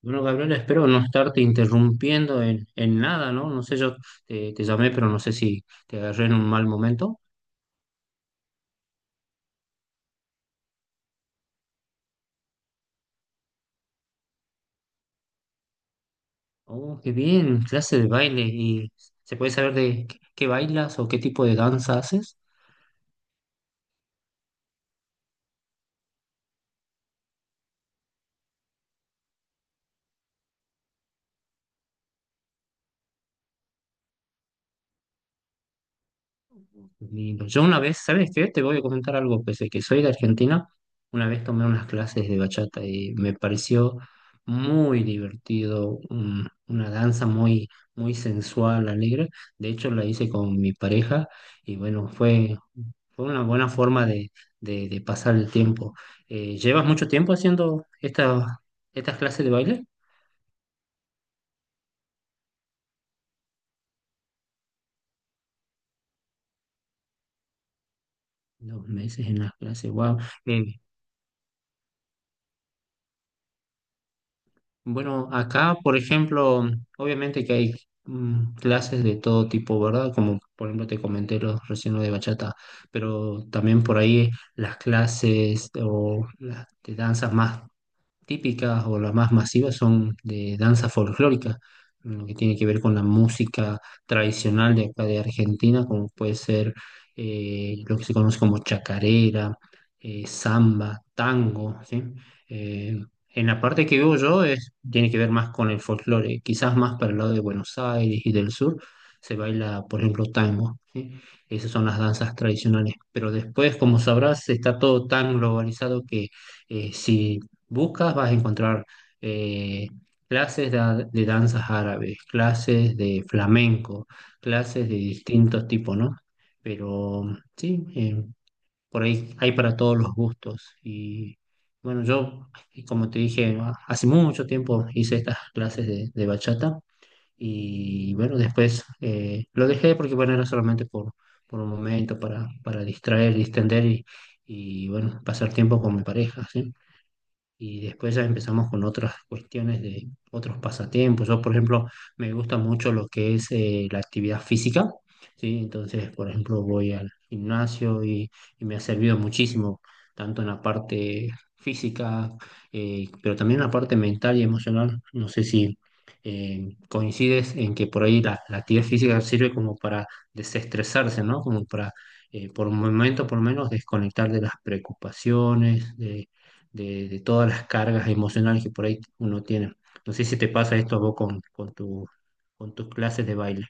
Bueno, Gabriela, espero no estarte interrumpiendo en nada, ¿no? No sé, yo te llamé, pero no sé si te agarré en un mal momento. Oh, qué bien, clase de baile. ¿Y se puede saber de qué bailas o qué tipo de danza haces? Lindo. Yo una vez, ¿sabes qué? Te voy a comentar algo, pese a que soy de Argentina, una vez tomé unas clases de bachata y me pareció muy divertido, una danza muy, muy sensual, alegre. De hecho, la hice con mi pareja y bueno, fue una buena forma de pasar el tiempo. ¿Llevas mucho tiempo haciendo estas clases de baile? 2 meses en las clases, wow. Eh, bueno, acá, por ejemplo, obviamente que hay clases de todo tipo, ¿verdad? Como por ejemplo te comenté recién lo de bachata, pero también por ahí las clases o las de danzas más típicas o las más masivas son de danza folclórica, lo que tiene que ver con la música tradicional de acá de Argentina, como puede ser lo que se conoce como chacarera, samba, tango, ¿sí? Eh, en la parte que vivo yo es, tiene que ver más con el folclore, quizás más para el lado de Buenos Aires y del sur se baila, por ejemplo, tango, ¿sí? Esas son las danzas tradicionales, pero después, como sabrás, está todo tan globalizado que si buscas, vas a encontrar eh, clases de danzas árabes, clases de flamenco, clases de distintos tipos, ¿no? Pero sí, por ahí hay para todos los gustos. Y bueno, yo, y como te dije, hace mucho tiempo hice estas clases de bachata y bueno, después lo dejé porque bueno, era solamente por un momento para distraer, distender y bueno, pasar tiempo con mi pareja, ¿sí? Y después ya empezamos con otras cuestiones de otros pasatiempos. Yo, por ejemplo, me gusta mucho lo que es la actividad física, ¿sí? Entonces, por ejemplo, voy al gimnasio y me ha servido muchísimo, tanto en la parte física, pero también en la parte mental y emocional. No sé si coincides en que por ahí la actividad física sirve como para desestresarse, ¿no? Como para, por un momento, por lo menos, desconectar de las preocupaciones, de todas las cargas emocionales que por ahí uno tiene. No sé si te pasa esto a vos con tu, con tus clases de baile.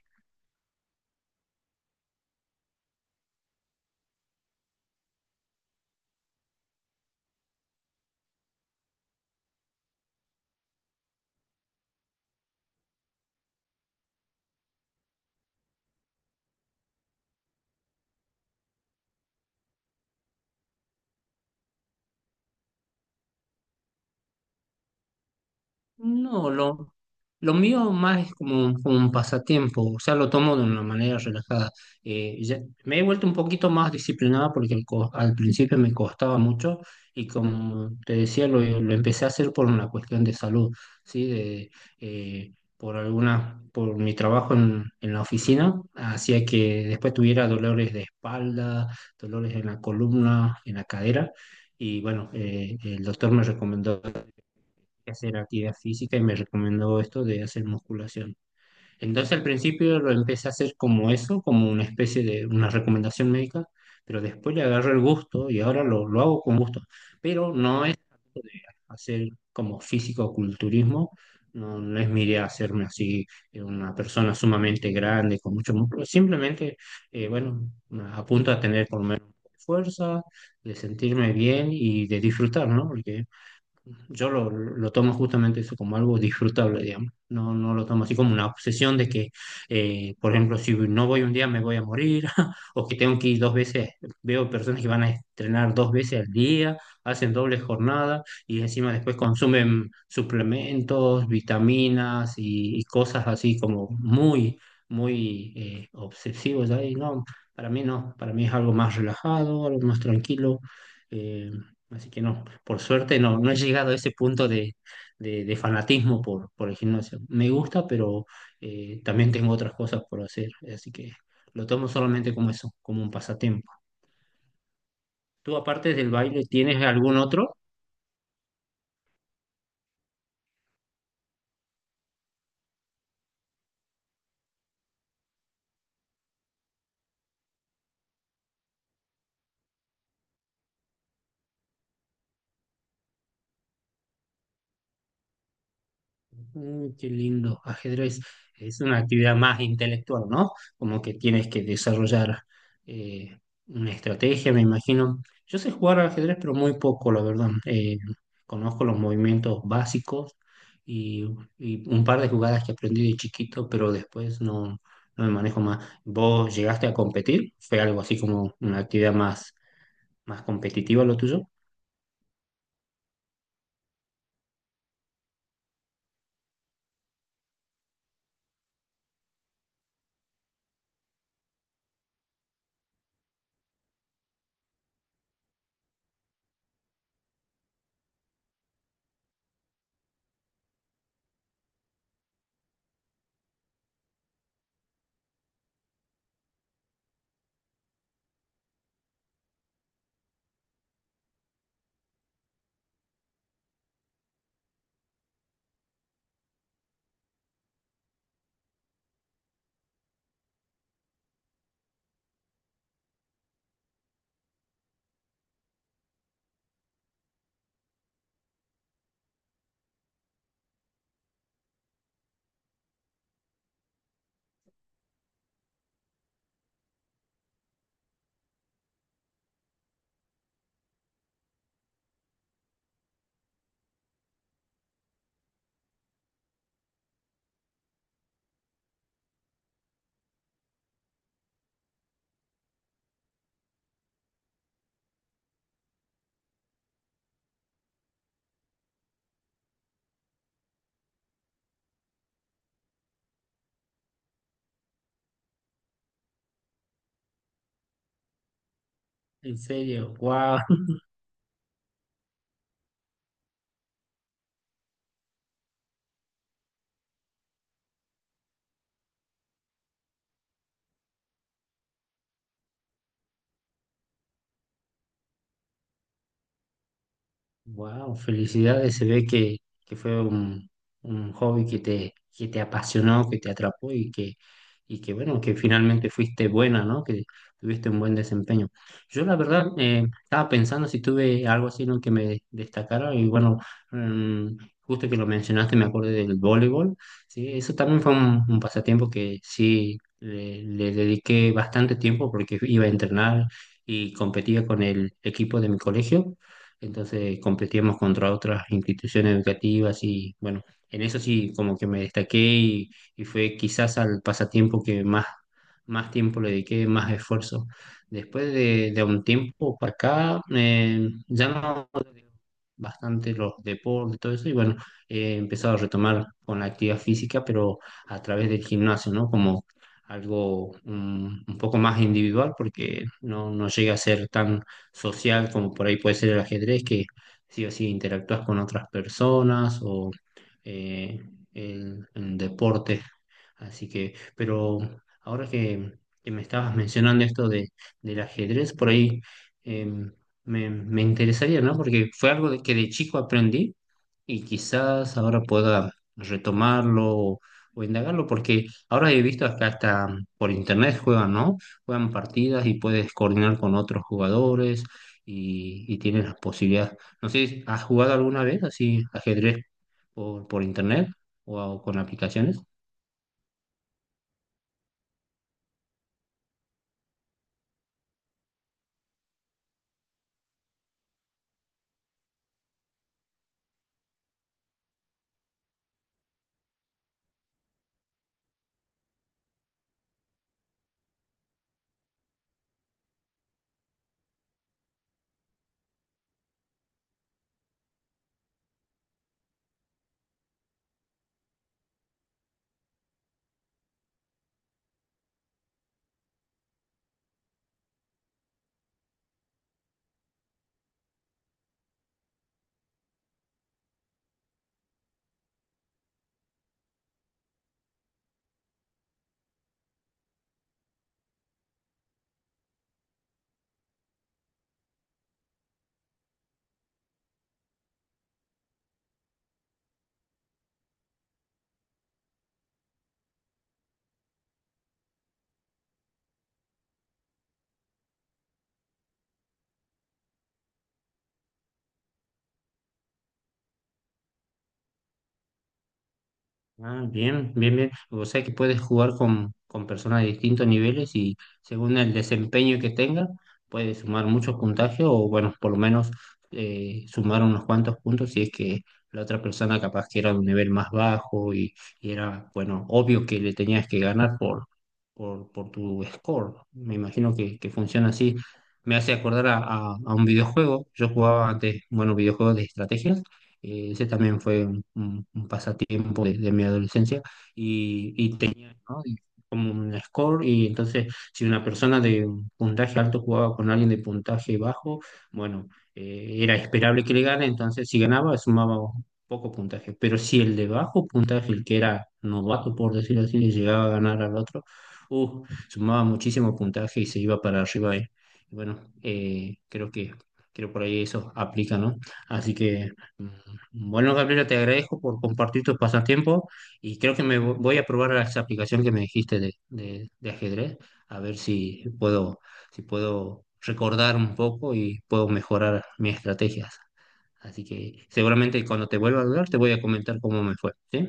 No, lo mío más es como, un pasatiempo, o sea, lo tomo de una manera relajada. Eh, ya- Me he vuelto un poquito más disciplinada porque al principio me costaba mucho y como te decía, lo empecé a hacer por una cuestión de salud, ¿sí? Por por mi trabajo en la oficina, hacía que después tuviera dolores de espalda, dolores en la columna, en la cadera. Y bueno, el doctor me recomendó hacer actividad física y me recomendó esto de hacer musculación. Entonces al principio lo empecé a hacer como eso, como una especie de una recomendación médica, pero después le agarré el gusto y ahora lo hago con gusto. Pero no es algo de hacer como físico-culturismo, no, no es mi idea hacerme así una persona sumamente grande, con mucho músculo, simplemente, bueno, apunto a tener por lo menos fuerza, de sentirme bien y de disfrutar, ¿no? Porque yo lo tomo justamente eso como algo disfrutable, digamos. No, no lo tomo así como una obsesión de que, por ejemplo, si no voy un día me voy a morir, o que tengo que ir 2 veces. Veo personas que van a entrenar 2 veces al día, hacen doble jornada y encima después consumen suplementos, vitaminas y cosas así como muy, muy obsesivos ahí. No, para mí no, para mí es algo más relajado, algo más tranquilo. eh, Así que no, por suerte no, no he llegado a ese punto de fanatismo por el gimnasio. Me gusta, pero también tengo otras cosas por hacer, así que lo tomo solamente como eso, como un pasatiempo. ¿Tú aparte del baile tienes algún otro? Mm, qué lindo. Ajedrez es una actividad más intelectual, ¿no? Como que tienes que desarrollar eh, una estrategia, me imagino. Yo sé jugar al ajedrez, pero muy poco, la verdad. Conozco los movimientos básicos y, y un par de jugadas que aprendí de chiquito, pero después no, no me manejo más. ¿Vos llegaste a competir? ¿Fue algo así como una actividad más competitiva lo tuyo? ¿En serio? ¡Wow! Wow, felicidades. Se ve que fue un hobby que te apasionó, que te atrapó y que bueno, que finalmente fuiste buena, ¿no? Que tuviste un buen desempeño. Yo la verdad estaba pensando si tuve algo así en lo que me destacara y bueno, mm, justo que lo mencionaste me acordé del voleibol, ¿sí? Eso también fue un pasatiempo que sí le dediqué bastante tiempo porque iba a entrenar y competía con el equipo de mi colegio, entonces competíamos contra otras instituciones educativas y bueno, en eso sí como que me destaqué y fue quizás al pasatiempo que más tiempo le dediqué, más esfuerzo. Después de un tiempo para acá, ya no bastante los deportes, todo eso, y bueno, he empezado a retomar con la actividad física, pero a través del gimnasio, ¿no? Como algo poco más individual, porque no, no llega a ser tan social, como por ahí puede ser el ajedrez, que sí o sí interactúas con otras personas o eh, el, deporte. Así que, pero ahora que me estabas mencionando esto del ajedrez, por ahí em, me interesaría, ¿no? Porque fue algo de que de chico aprendí y quizás ahora pueda retomarlo o indagarlo, porque ahora he visto que hasta por internet juegan, ¿no? Juegan partidas y puedes coordinar con otros jugadores y tienes las posibilidades. No sé, ¿has jugado alguna vez así ajedrez por internet o con aplicaciones? Ah, bien, bien, bien. O sea que puedes jugar con personas de distintos niveles y según el desempeño que tenga, puedes sumar muchos puntajes o, bueno, por lo menos sumar unos cuantos puntos si es que la otra persona capaz que era de un nivel más bajo y era, bueno, obvio que le tenías que ganar por tu score. Me imagino que funciona así. Me hace acordar a un videojuego. Yo jugaba antes, bueno, videojuegos de estrategias. Ese también fue un pasatiempo de mi adolescencia y tenía, ¿no? Y como un score y entonces si una persona de puntaje alto jugaba con alguien de puntaje bajo, bueno, era esperable que le gane, entonces si ganaba sumaba poco puntaje, pero si el de bajo puntaje, el que era novato por decirlo así, le llegaba a ganar al otro, sumaba muchísimo puntaje y se iba para arriba ahí. Y bueno, creo por ahí eso aplica, ¿no? Así que, bueno, Gabriela, te agradezco por compartir tus pasatiempos y creo que voy a probar esa aplicación que me dijiste de ajedrez, a ver si puedo, si puedo recordar un poco y puedo mejorar mis estrategias. Así que seguramente cuando te vuelva a hablar te voy a comentar cómo me fue, ¿sí?